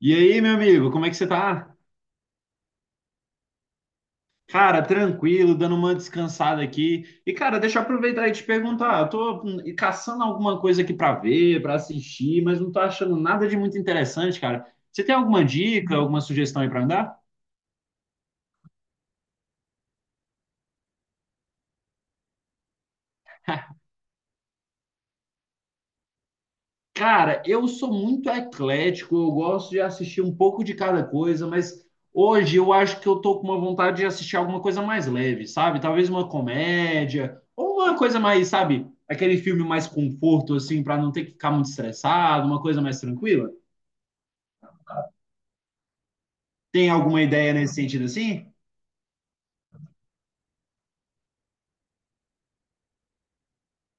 E aí, meu amigo, como é que você tá? Cara, tranquilo, dando uma descansada aqui. E, cara, deixa eu aproveitar e te perguntar. Eu tô caçando alguma coisa aqui pra ver, pra assistir, mas não tô achando nada de muito interessante, cara. Você tem alguma dica, alguma sugestão aí pra me dar? Cara, eu sou muito eclético, eu gosto de assistir um pouco de cada coisa, mas hoje eu acho que eu tô com uma vontade de assistir alguma coisa mais leve, sabe? Talvez uma comédia, ou uma coisa mais, sabe, aquele filme mais conforto, assim, para não ter que ficar muito estressado, uma coisa mais tranquila. Tem alguma ideia nesse sentido assim?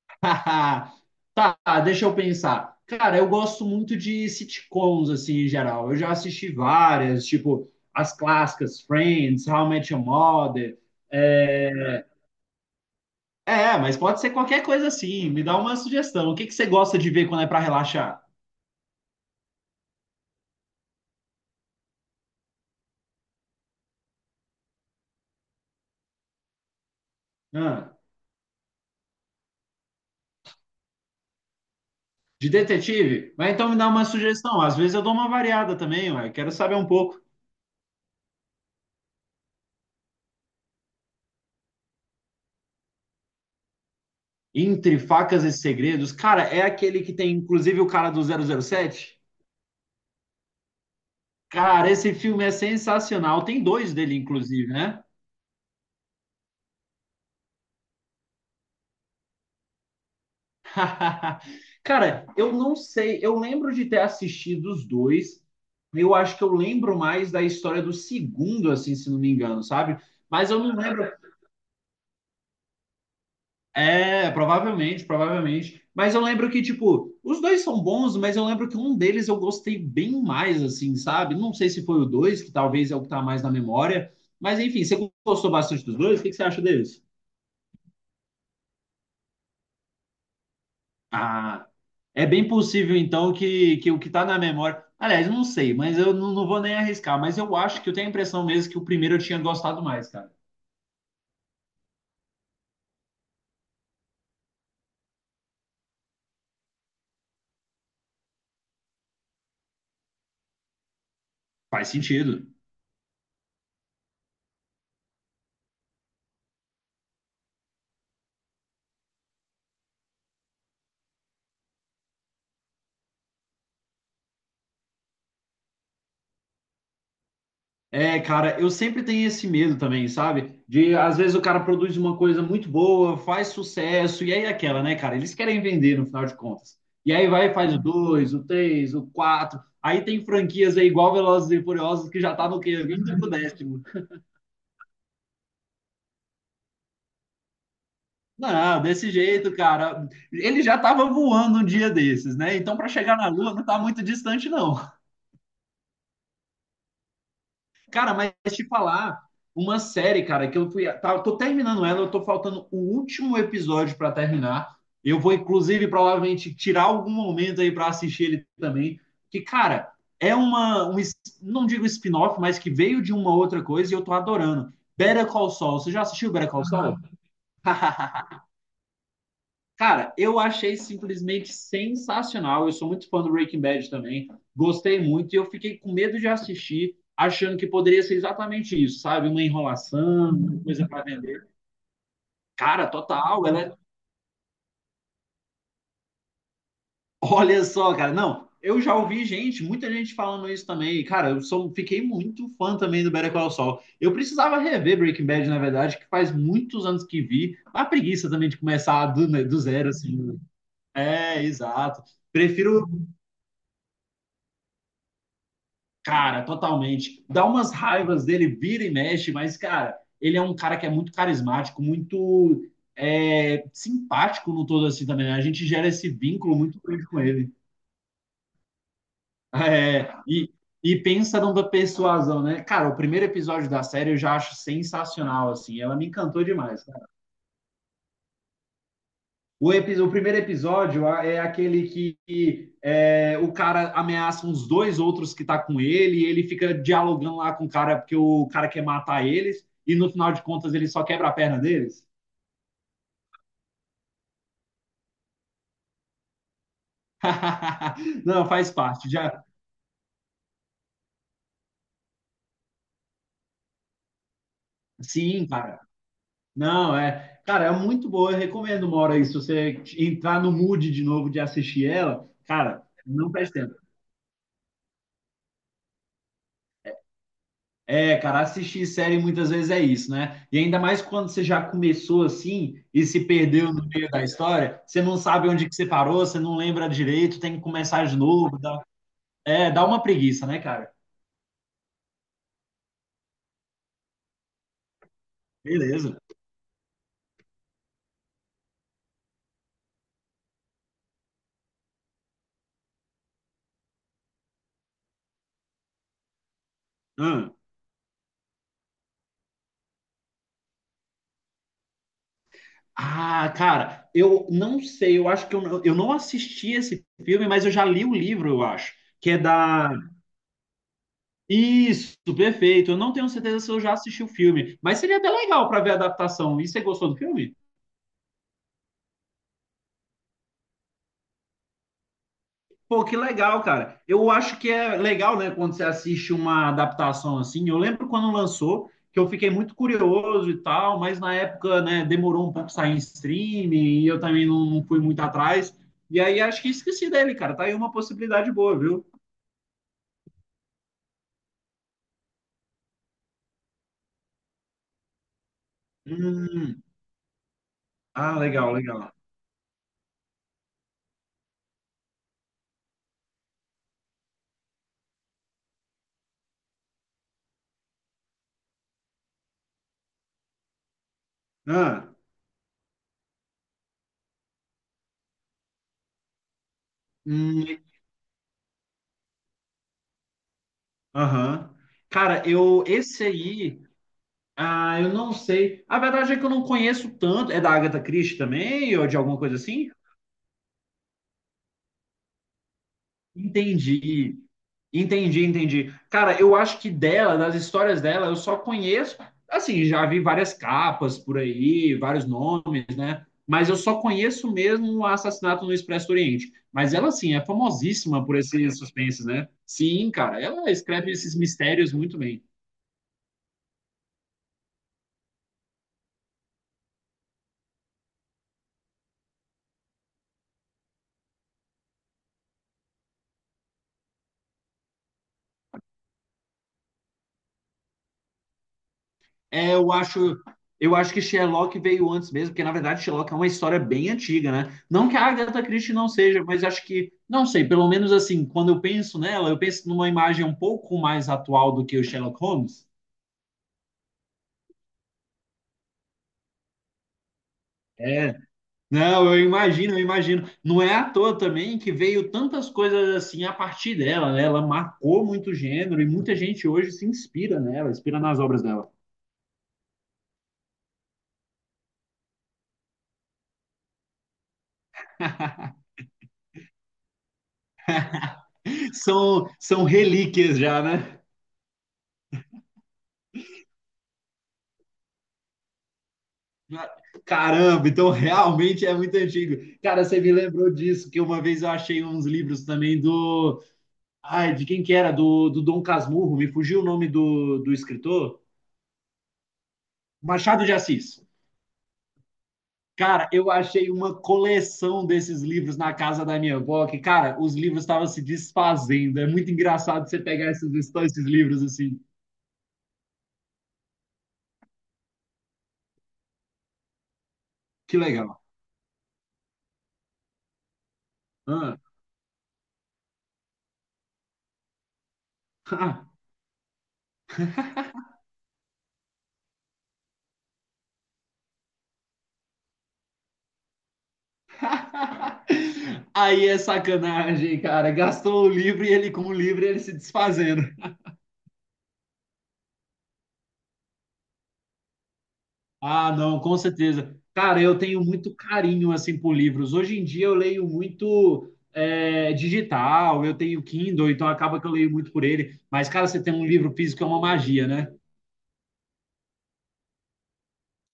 Tá, deixa eu pensar. Cara, eu gosto muito de sitcoms, assim, em geral. Eu já assisti várias, tipo, as clássicas, Friends, How I Met Your Mother. É, é, mas pode ser qualquer coisa assim. Me dá uma sugestão. O que que você gosta de ver quando é pra relaxar? Ah, de detetive? Mas então me dá uma sugestão. Às vezes eu dou uma variada também, ué. Quero saber um pouco. Entre Facas e Segredos. Cara, é aquele que tem, inclusive, o cara do zero zero sete? Cara, esse filme é sensacional. Tem dois dele, inclusive, né? Cara, eu não sei. Eu lembro de ter assistido os dois. Eu acho que eu lembro mais da história do segundo, assim, se não me engano, sabe? Mas eu não lembro. É, provavelmente, provavelmente. Mas eu lembro que, tipo, os dois são bons, mas eu lembro que um deles eu gostei bem mais, assim, sabe? Não sei se foi o dois, que talvez é o que tá mais na memória. Mas enfim, você gostou bastante dos dois? O que que você acha deles? Ah, é bem possível então que o que está na memória. Aliás, eu não sei, mas eu não, não vou nem arriscar. Mas eu acho que eu tenho a impressão mesmo que o primeiro eu tinha gostado mais, cara. Faz sentido. É, cara, eu sempre tenho esse medo também, sabe? De às vezes o cara produz uma coisa muito boa, faz sucesso, e aí é aquela, né, cara? Eles querem vender no final de contas. E aí vai e faz o dois, o três, o quatro. Aí tem franquias aí igual Velozes e Furiosos que já tá no quê? 20 décimo. Não, desse jeito, cara. Ele já estava voando um dia desses, né? Então, para chegar na Lua, não tá muito distante, não. Cara, mas te falar, uma série, cara, que eu fui. Tá, eu tô terminando ela, eu tô faltando o último episódio para terminar. Eu vou, inclusive, provavelmente tirar algum momento aí para assistir ele também. Que, cara, é uma. Não digo spin-off, mas que veio de uma outra coisa e eu tô adorando. Better Call Saul. Você já assistiu Better Call Saul? Cara, eu achei simplesmente sensacional. Eu sou muito fã do Breaking Bad também. Gostei muito e eu fiquei com medo de assistir, achando que poderia ser exatamente isso, sabe? Uma enrolação, uma coisa para vender. Cara, total. Ela é... Olha só, cara. Não, eu já ouvi gente, muita gente falando isso também. E, cara, eu sou, fiquei muito fã também do Better Call Saul. Eu precisava rever Breaking Bad, na verdade, que faz muitos anos que vi. A preguiça também de começar do, né, do zero, assim. É, exato. Prefiro cara, totalmente. Dá umas raivas dele, vira e mexe, mas, cara, ele é um cara que é muito carismático, muito é, simpático no todo assim também, né? A gente gera esse vínculo muito grande com ele. É, e pensa numa persuasão, né? Cara, o primeiro episódio da série eu já acho sensacional, assim. Ela me encantou demais. O primeiro episódio é aquele que, o cara ameaça uns dois outros que tá com ele, e ele fica dialogando lá com o cara, porque o cara quer matar eles, e no final de contas ele só quebra a perna deles. Não, faz parte. Já... Sim, cara. Não, é. Cara, é muito boa. Eu recomendo uma hora aí. Se você entrar no mood de novo de assistir ela, cara, não perde tempo. É, cara, assistir série muitas vezes é isso, né? E ainda mais quando você já começou assim e se perdeu no meio da história, você não sabe onde que você parou, você não lembra direito, tem que começar de novo. Dá, é, dá uma preguiça, né, cara? Beleza. Hum. Ah, cara, eu não sei, eu acho que eu não assisti esse filme, mas eu já li o livro, eu acho, que é da. Isso, perfeito. Eu não tenho certeza se eu já assisti o filme, mas seria até legal para ver a adaptação. E você gostou do filme? Pô, que legal, cara. Eu acho que é legal, né, quando você assiste uma adaptação assim. Eu lembro quando lançou, que eu fiquei muito curioso e tal, mas na época, né, demorou um pouco sair em streaming e eu também não, não fui muito atrás. E aí acho que esqueci dele, cara. Tá aí uma possibilidade boa, viu? Hum, ah, legal, legal. Ah, hum, aham. Cara, eu esse aí, ah, eu não sei. A verdade é que eu não conheço tanto. É da Agatha Christie também ou de alguma coisa assim? Entendi. Entendi, entendi. Cara, eu acho que dela, das histórias dela, eu só conheço, assim, já vi várias capas por aí, vários nomes, né? Mas eu só conheço mesmo o Assassinato no Expresso do Oriente. Mas ela, assim, é famosíssima por esses suspenses, né? Sim, cara, ela escreve esses mistérios muito bem. É, eu acho que Sherlock veio antes mesmo, porque na verdade Sherlock é uma história bem antiga, né? Não que a Agatha Christie não seja, mas acho que, não sei, pelo menos assim, quando eu penso nela, eu penso numa imagem um pouco mais atual do que o Sherlock Holmes. É, não, eu imagino, eu imagino. Não é à toa também que veio tantas coisas assim a partir dela, né? Ela marcou muito o gênero e muita gente hoje se inspira nela, inspira nas obras dela. São, são relíquias já, né? Caramba, então realmente é muito antigo. Cara, você me lembrou disso, que uma vez eu achei uns livros também do. Ai, de quem que era? Do Dom Casmurro, me fugiu o nome do escritor? Machado de Assis. Cara, eu achei uma coleção desses livros na casa da minha avó, que, cara, os livros estavam se desfazendo. É muito engraçado você pegar esses livros assim. Que legal. Ah. Aí é sacanagem, cara. Gastou o livro e ele, com o livro, ele se desfazendo. Ah, não, com certeza. Cara, eu tenho muito carinho assim por livros. Hoje em dia eu leio muito é, digital, eu tenho Kindle, então acaba que eu leio muito por ele. Mas, cara, você tem um livro físico é uma magia, né?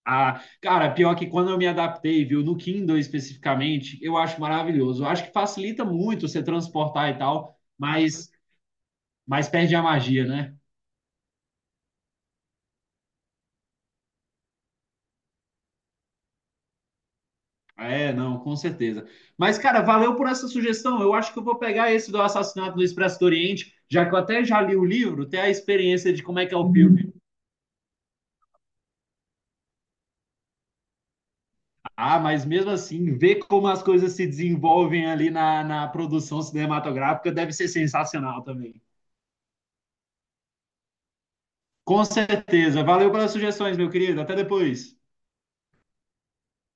Ah, cara, pior que quando eu me adaptei, viu, no Kindle especificamente, eu acho maravilhoso. Eu acho que facilita muito você transportar e tal, mas perde a magia, né? É, não, com certeza. Mas, cara, valeu por essa sugestão. Eu acho que eu vou pegar esse do Assassinato no Expresso do Oriente, já que eu até já li o livro, ter a experiência de como é que é o filme. Ah, mas mesmo assim, ver como as coisas se desenvolvem ali na produção cinematográfica deve ser sensacional também. Com certeza. Valeu pelas sugestões, meu querido. Até depois.